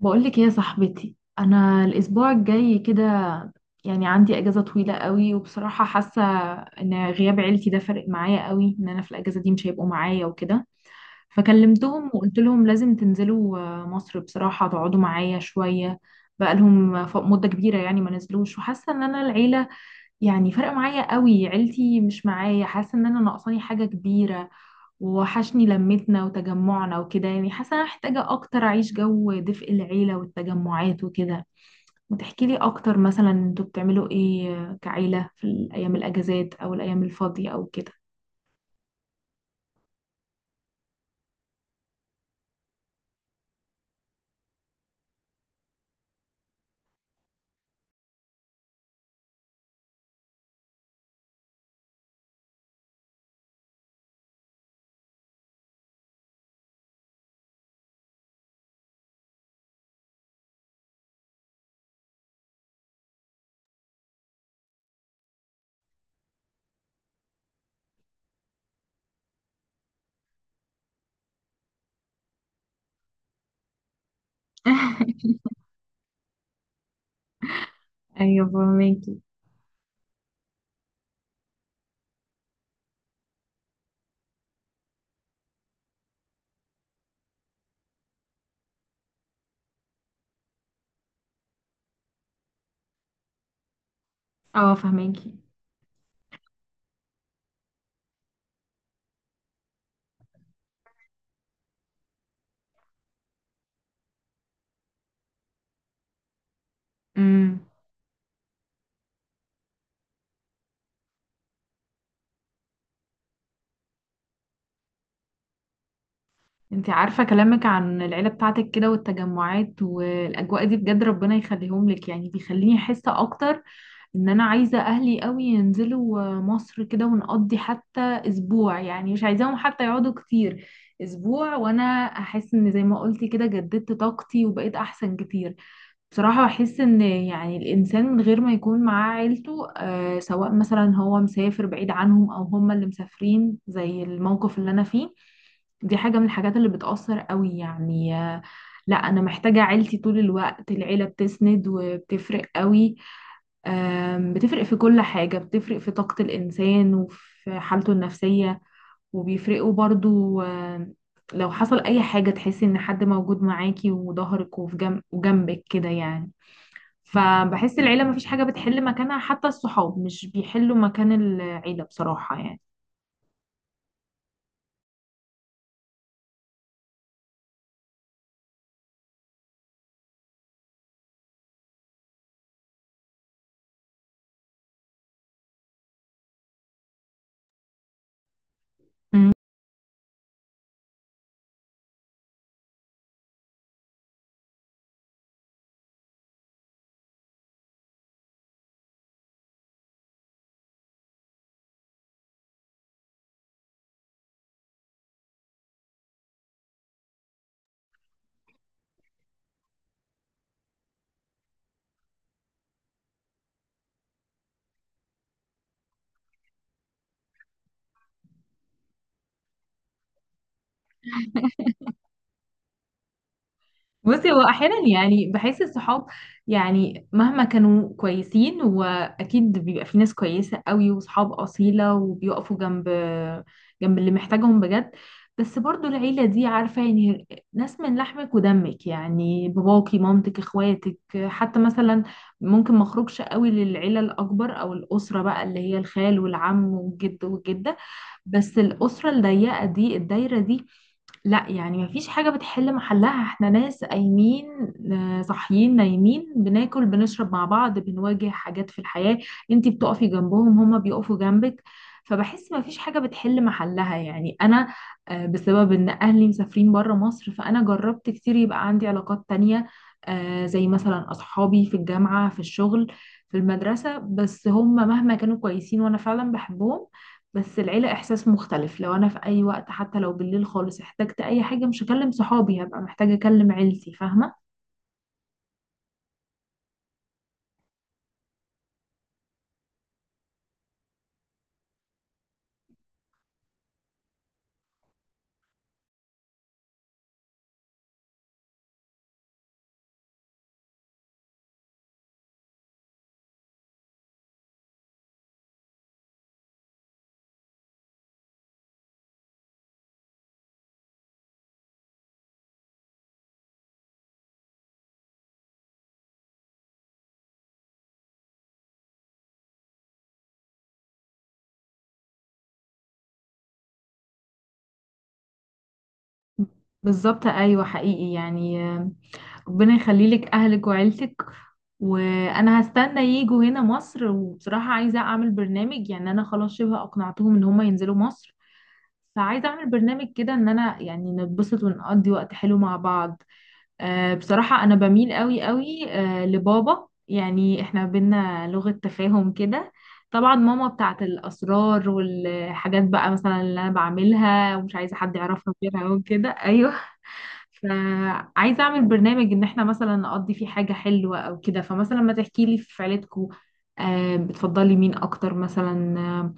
بقولك يا صاحبتي، انا الاسبوع الجاي كده يعني عندي اجازه طويله قوي. وبصراحه حاسه ان غياب عيلتي ده فرق معايا قوي، ان انا في الاجازه دي مش هيبقوا معايا وكده. فكلمتهم وقلت لهم لازم تنزلوا مصر، بصراحه تقعدوا معايا شويه. بقالهم مده كبيره يعني ما نزلوش. وحاسه ان انا العيله يعني فرق معايا قوي، عيلتي مش معايا، حاسه ان انا ناقصاني حاجه كبيره، ووحشني لمتنا وتجمعنا وكده. يعني حاسة أنا محتاجة أكتر أعيش جو دفء العيلة والتجمعات وكده. ما تحكيلي أكتر، مثلا أنتوا بتعملوا إيه كعيلة في الأيام الأجازات أو الأيام الفاضية أو كده؟ أيوة فهماكي. أه فهماكي. امم. انتي عارفة كلامك عن العيلة بتاعتك كده والتجمعات والأجواء دي، بجد ربنا يخليهم لك. يعني بيخليني أحس أكتر ان انا عايزة اهلي قوي ينزلوا مصر كده ونقضي حتى اسبوع. يعني مش عايزاهم حتى يقعدوا كتير، اسبوع وانا احس ان زي ما قلتي كده جددت طاقتي وبقيت احسن كتير. بصراحة احس ان يعني الانسان من غير ما يكون معاه عيلته سواء مثلا هو مسافر بعيد عنهم او هم اللي مسافرين زي الموقف اللي انا فيه، دي حاجة من الحاجات اللي بتأثر قوي يعني لا انا محتاجة عيلتي طول الوقت. العيلة بتسند وبتفرق قوي، بتفرق في كل حاجة، بتفرق في طاقة الإنسان وفي حالته النفسية، وبيفرقوا برضو. لو حصل أي حاجة تحسي إن حد موجود معاكي وظهرك وفي جنب وجنبك كده يعني. فبحس العيلة مفيش حاجة بتحل مكانها، حتى الصحاب مش بيحلوا مكان العيلة بصراحة يعني. مم. بصي هو احيانا يعني بحس الصحاب يعني مهما كانوا كويسين، واكيد بيبقى في ناس كويسه قوي وصحاب اصيله وبيقفوا جنب اللي محتاجهم بجد. بس برضو العيله دي عارفه، يعني ناس من لحمك ودمك، يعني باباكي مامتك اخواتك. حتى مثلا ممكن ما اخرجش قوي للعيله الاكبر او الاسره بقى اللي هي الخال والعم والجد والجده، بس الاسره الضيقه دي الدايره دي لا، يعني مفيش حاجة بتحل محلها. احنا ناس قايمين صاحيين نايمين، بناكل بنشرب مع بعض، بنواجه حاجات في الحياة، انتي بتقفي جنبهم هما بيقفوا جنبك. فبحس مفيش حاجة بتحل محلها، يعني انا بسبب ان اهلي مسافرين برا مصر فانا جربت كتير يبقى عندي علاقات تانية، زي مثلا اصحابي في الجامعة في الشغل في المدرسة. بس هم مهما كانوا كويسين وانا فعلا بحبهم، بس العيلة إحساس مختلف. لو أنا في أي وقت حتى لو بالليل خالص احتجت أي حاجة، مش هكلم صحابي، هبقى محتاجة أكلم عيلتي، فاهمة. بالظبط، أيوة حقيقي يعني. ربنا يخليلك أهلك وعيلتك. وأنا هستنى ييجوا هنا مصر، وبصراحة عايزة أعمل برنامج. يعني أنا خلاص شبه أقنعتهم إن هما ينزلوا مصر، فعايزة أعمل برنامج كده إن أنا يعني نتبسط ونقضي وقت حلو مع بعض. بصراحة أنا بميل قوي قوي لبابا، يعني إحنا بينا لغة تفاهم كده. طبعا ماما بتاعت الأسرار والحاجات بقى مثلا اللي أنا بعملها ومش عايزة حد يعرفها غيرها وكده. أيوه. فعايزة أعمل برنامج إن إحنا مثلا نقضي فيه حاجة حلوة أو كده. فمثلا ما تحكي لي في عيلتكو، بتفضلي مين أكتر مثلا،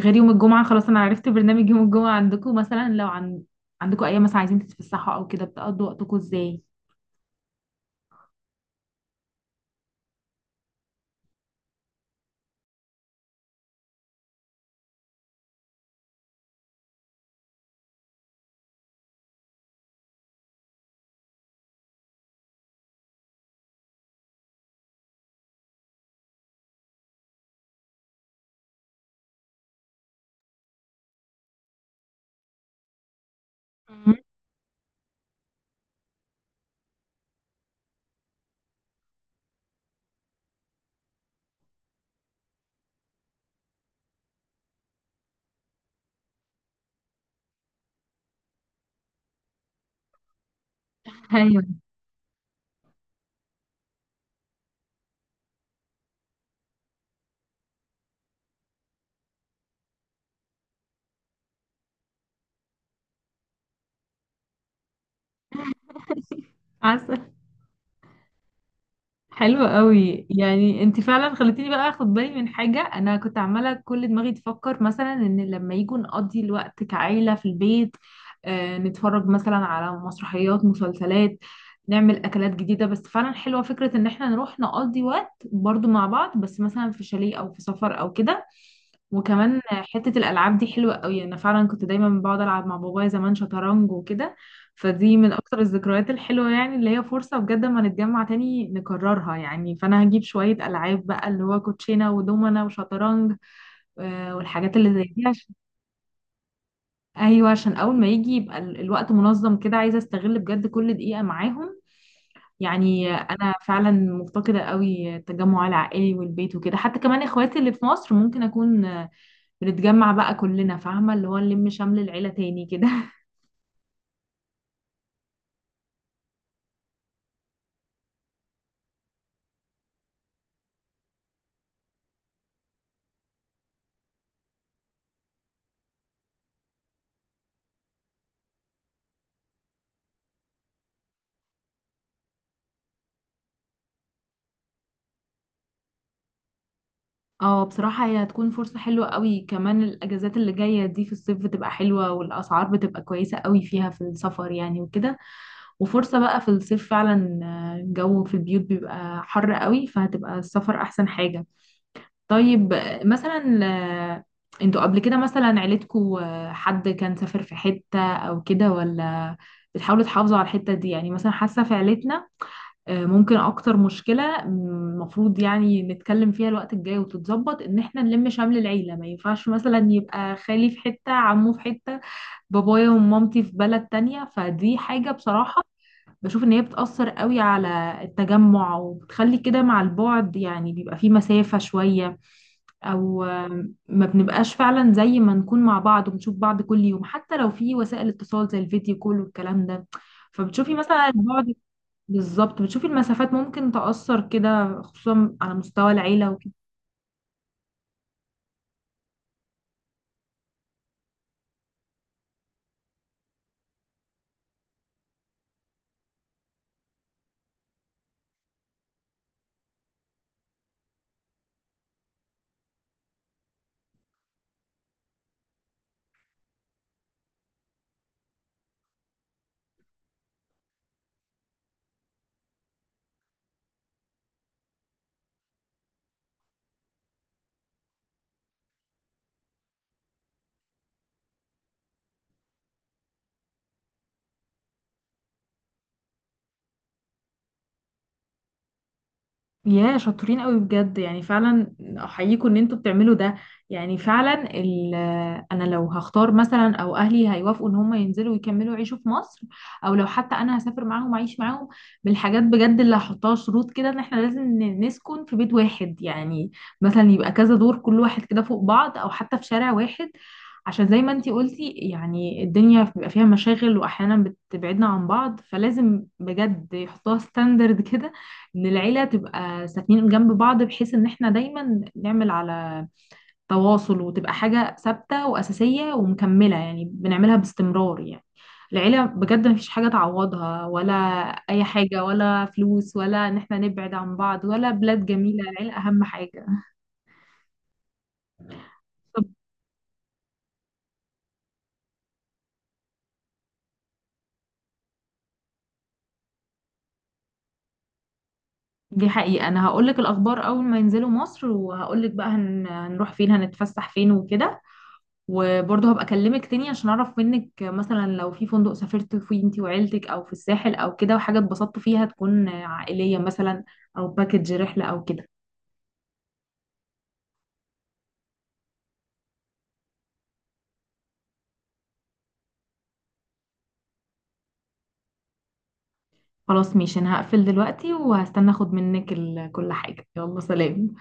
غير يوم الجمعة خلاص أنا عرفت برنامج يوم الجمعة عندكو. مثلا لو عندكو أيام مثلا عايزين تتفسحوا أو كده، بتقضوا وقتكو إزاي؟ ايوه عسل. حلو قوي، يعني انت فعلا خلتيني بقى اخد بالي من حاجه. انا كنت عماله كل دماغي تفكر مثلا ان لما يجوا نقضي الوقت كعيله في البيت، نتفرج مثلا على مسرحيات مسلسلات، نعمل اكلات جديده. بس فعلا حلوه فكره ان احنا نروح نقضي وقت برضو مع بعض، بس مثلا في شاليه او في سفر او كده. وكمان حتة الألعاب دي حلوة قوي. أنا فعلا كنت دايما بقعد ألعب مع بابايا زمان شطرنج وكده، فدي من أكتر الذكريات الحلوة يعني، اللي هي فرصة بجد، ما نتجمع تاني نكررها يعني. فأنا هجيب شوية ألعاب بقى اللي هو كوتشينة ودومنة وشطرنج والحاجات اللي زي دي، عشان أيوة عشان أول ما يجي يبقى الوقت منظم كده، عايزة أستغل بجد كل دقيقة معاهم. يعني أنا فعلا مفتقدة قوي التجمع العائلي والبيت وكده، حتى كمان إخواتي اللي في مصر ممكن أكون بنتجمع بقى كلنا، فاهمة اللي هو نلم شمل العيلة تاني كده. اه بصراحة هي هتكون فرصة حلوة قوي. كمان الأجازات اللي جاية دي في الصيف بتبقى حلوة، والأسعار بتبقى كويسة قوي فيها في السفر يعني وكده. وفرصة بقى في الصيف فعلا، الجو في البيوت بيبقى حر قوي، فهتبقى السفر أحسن حاجة. طيب مثلا آه، انتوا قبل كده مثلا عيلتكوا حد كان سافر في حتة أو كده، ولا بتحاولوا تحافظوا على الحتة دي؟ يعني مثلا حاسة في عيلتنا ممكن اكتر مشكلة المفروض يعني نتكلم فيها الوقت الجاي وتتظبط ان احنا نلم شمل العيلة. ما ينفعش مثلا يبقى خالي في حتة، عمه في حتة، بابايا ومامتي في بلد تانية، فدي حاجة بصراحة بشوف ان هي بتأثر قوي على التجمع، وبتخلي كده مع البعد يعني بيبقى في مسافة شوية. او ما بنبقاش فعلا زي ما نكون مع بعض وبنشوف بعض كل يوم، حتى لو في وسائل اتصال زي الفيديو كول والكلام ده. فبتشوفي مثلا البعد. بالظبط، بتشوفي المسافات ممكن تأثر كده خصوصا على مستوى العيلة وكده. يا شاطرين قوي، بجد يعني فعلا احييكم ان انتوا بتعملوا ده. يعني فعلا، انا لو هختار مثلا، او اهلي هيوافقوا ان هم ينزلوا ويكملوا يعيشوا في مصر، او لو حتى انا هسافر معاهم اعيش معاهم، من الحاجات بجد اللي هحطها شروط كده ان احنا لازم نسكن في بيت واحد يعني. مثلا يبقى كذا دور كل واحد كده فوق بعض، او حتى في شارع واحد، عشان زي ما انتي قلتي يعني الدنيا بيبقى فيها مشاغل واحيانا بتبعدنا عن بعض، فلازم بجد يحطوها ستاندرد كده، ان العيله تبقى ساكنين جنب بعض، بحيث ان احنا دايما نعمل على تواصل، وتبقى حاجه ثابته واساسيه ومكمله يعني بنعملها باستمرار يعني. العيله بجد مفيش حاجه تعوضها، ولا اي حاجه، ولا فلوس، ولا ان احنا نبعد عن بعض، ولا بلاد جميله، العيله اهم حاجه. طب دي حقيقه، انا هقولك الاخبار اول ما ينزلوا مصر، وهقولك بقى هنروح فين، هنتفسح فين وكده. وبرضه هبقى اكلمك تاني عشان اعرف منك، مثلا لو في فندق سافرت فيه انتي وعيلتك، او في الساحل او كده، وحاجه اتبسطتوا فيها تكون عائليه مثلا، او باكج رحله او كده. خلاص ماشي، انا هقفل دلوقتي وهستنى اخد منك كل حاجه. يلا سلام.